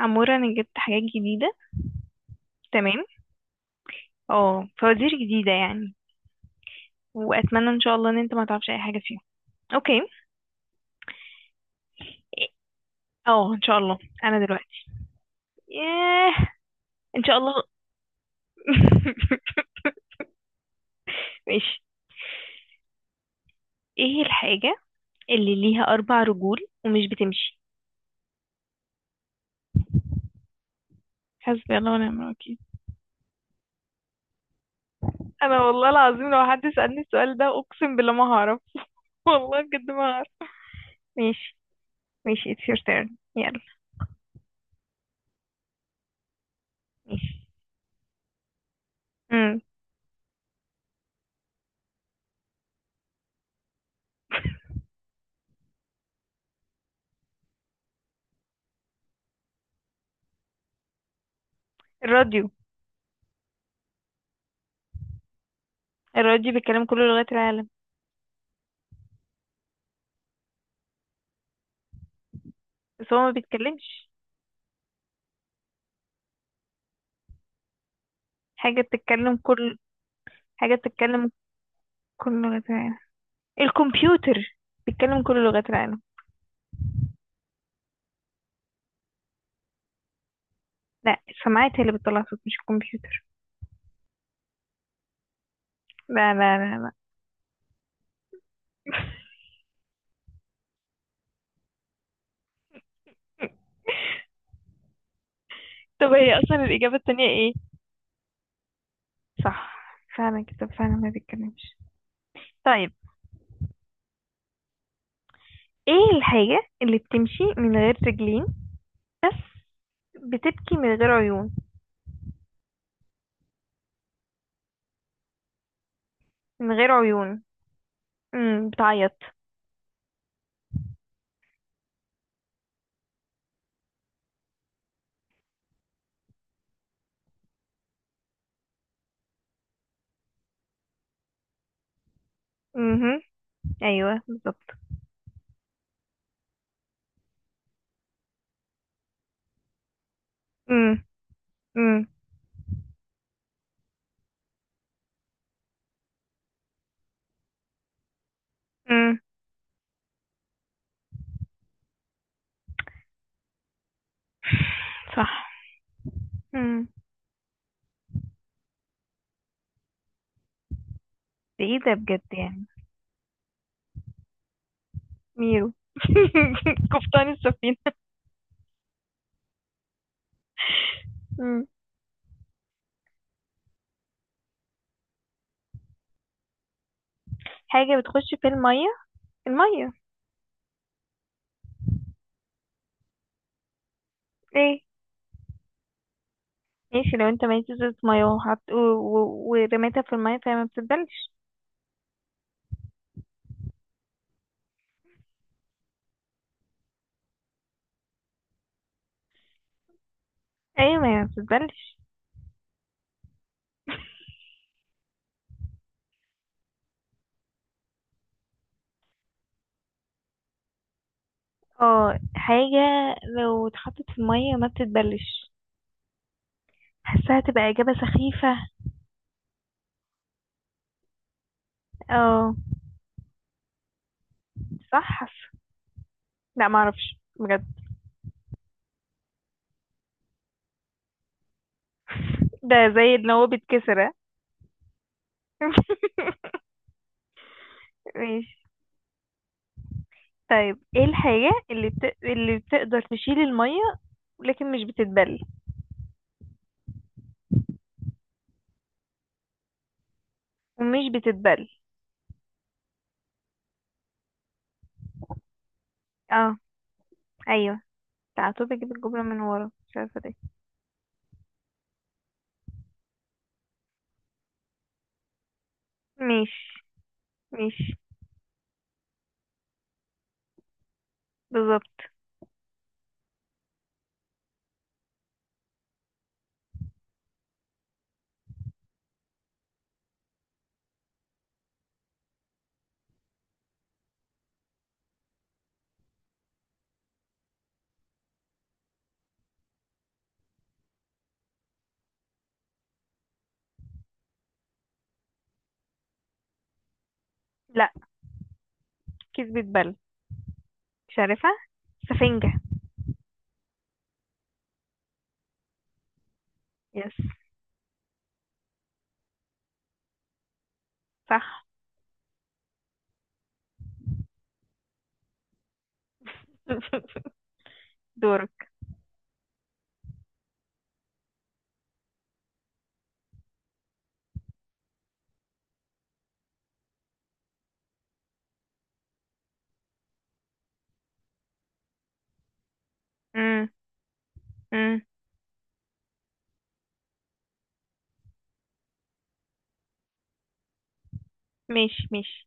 عمورة، انا جبت حاجات جديدة. تمام. اه فوازير جديدة يعني. واتمنى ان شاء الله ان انت ما تعرفش اي حاجة فيهم. اوكي. اه، ان شاء الله. انا دلوقتي. ياه. ان شاء الله. ماشي. ايه الحاجة اللي ليها 4 رجول ومش بتمشي؟ حسبي الله ونعم الوكيل. انا والله العظيم لو حد سألني السؤال ده، اقسم بالله ما هعرف. والله بجد ما هعرف. ماشي، ماشي. it's your turn. يلا. ماشي. امم الراديو. الراديو بيتكلم كل لغات العالم. بس هو ما بيتكلمش. حاجة بتتكلم كل حاجة بتتكلم كل لغات العالم. الكمبيوتر. بيتكلم كل لغات العالم. لا، السماعات هي اللي بتطلع صوت، مش الكمبيوتر. لا، لا، لا، لا. طب هي اصلا الإجابة التانية ايه؟ صح. فعلا كده، فعلا ما بيتكلمش. طيب. ايه الحاجة اللي بتمشي من غير رجلين بس بتبكي من غير عيون؟ من غير عيون. بتعيط. امم. ايوه بالظبط. امم. امم. امم. صح. امم. ده ايه ده بجد يعني؟ ميرو. قبطان السفينة. مم. حاجة بتخش في المية. المية. ايه. ماشي، لو انت معيش ازازة مية وحط ورميتها في المية، فهي ما بتتبلش. ايوه، ما هي ما بتتبلش. اه، حاجة لو اتحطت في المية ما بتتبلش. حاساها تبقى إجابة سخيفة. اه صح، حاسة. لا، معرفش بجد. ده زي ان هو بيتكسر، ها؟ ماشي. طيب ايه الحاجة اللي اللي بتقدر تشيل المية لكن مش بتتبل؟ ومش بتتبل. اه. ايوه. تعاتو بيجيب الجملة من ورا، مش عارفة ده. مش مش بالظبط. لا، كذبة بل. مش عارفها. سفنجة. يس. صح. دورك. امم. امم. مش.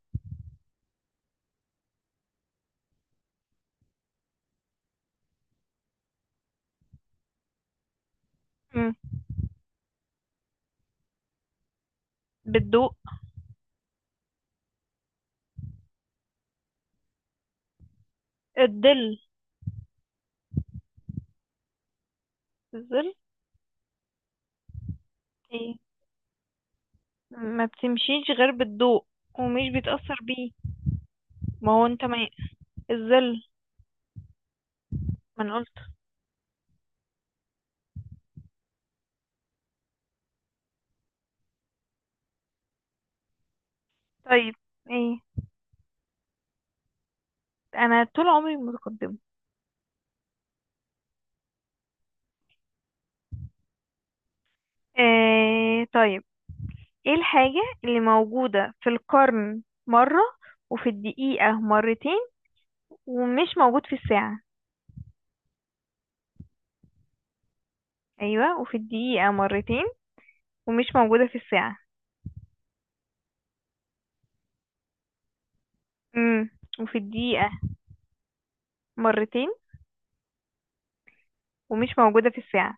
امم. بالضوء. الظل. الظل. ايه؟ ما بتمشيش غير بالضوء ومش بيتأثر بيه. ما هو انت ما. الظل. ما انا قلت. طيب. ايه. انا طول عمري متقدمة. ايه طيب. ايه الحاجة اللي موجودة في القرن مرة وفي الدقيقة مرتين ومش موجود في الساعة؟ ايوه وفي الدقيقة مرتين ومش موجودة في الساعة. امم وفي الدقيقة مرتين ومش موجودة في الساعة.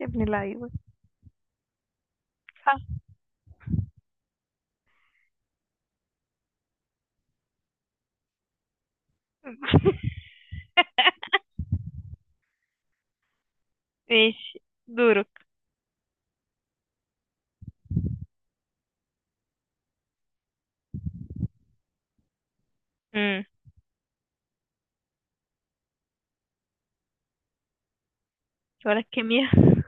يا ابن اللعيبة. صح. ماشي. دورك. امم. ولا الكيمياء.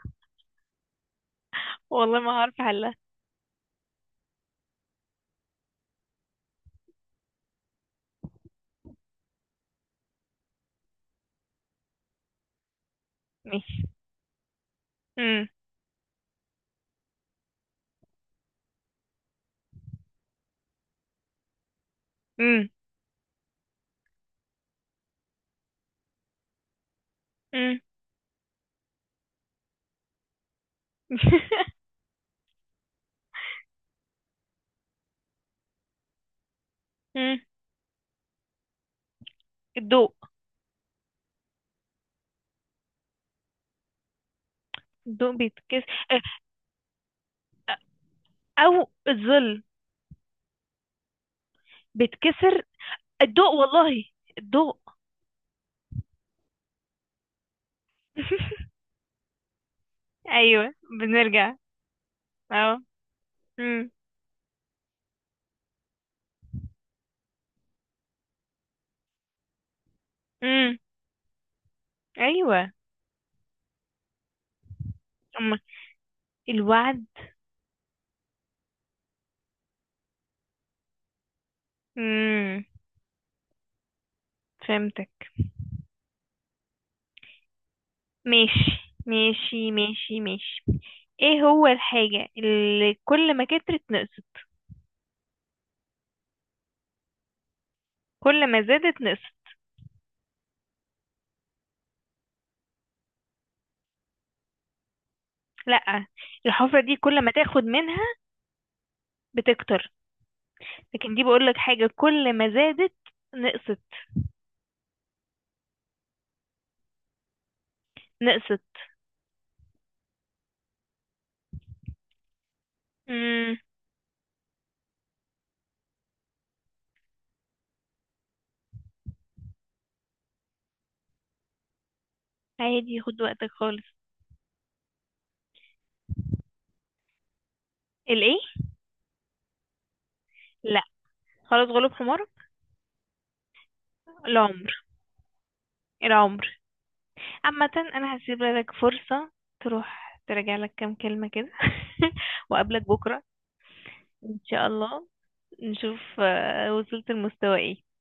والله ما هعرف احلها. ماشي. امم. امم. امم. أمم. الضوء. الضوء بيتكسر. او الظل بيتكسر. الضوء والله. الضوء. ايوه. بنرجع. اه. امم. امم. ايوه. اما الوعد. امم. فهمتك. ماشي، ماشي، ماشي، ماشي. ايه هو الحاجة اللي كل ما كترت نقصت؟ كل ما زادت نقصت. لا، الحفرة دي كل ما تاخد منها بتكتر، لكن دي بقولك حاجة كل ما زادت نقصت. نقصت. امم. عادي، خد وقتك خالص. الايه؟ لا، خلاص، غلوب حمار. العمر. العمر. عامة انا هسيب لك فرصة تروح تراجع لك كام كلمة كده، وقابلك بكرة. ان شاء الله نشوف وصلت المستوى ايه.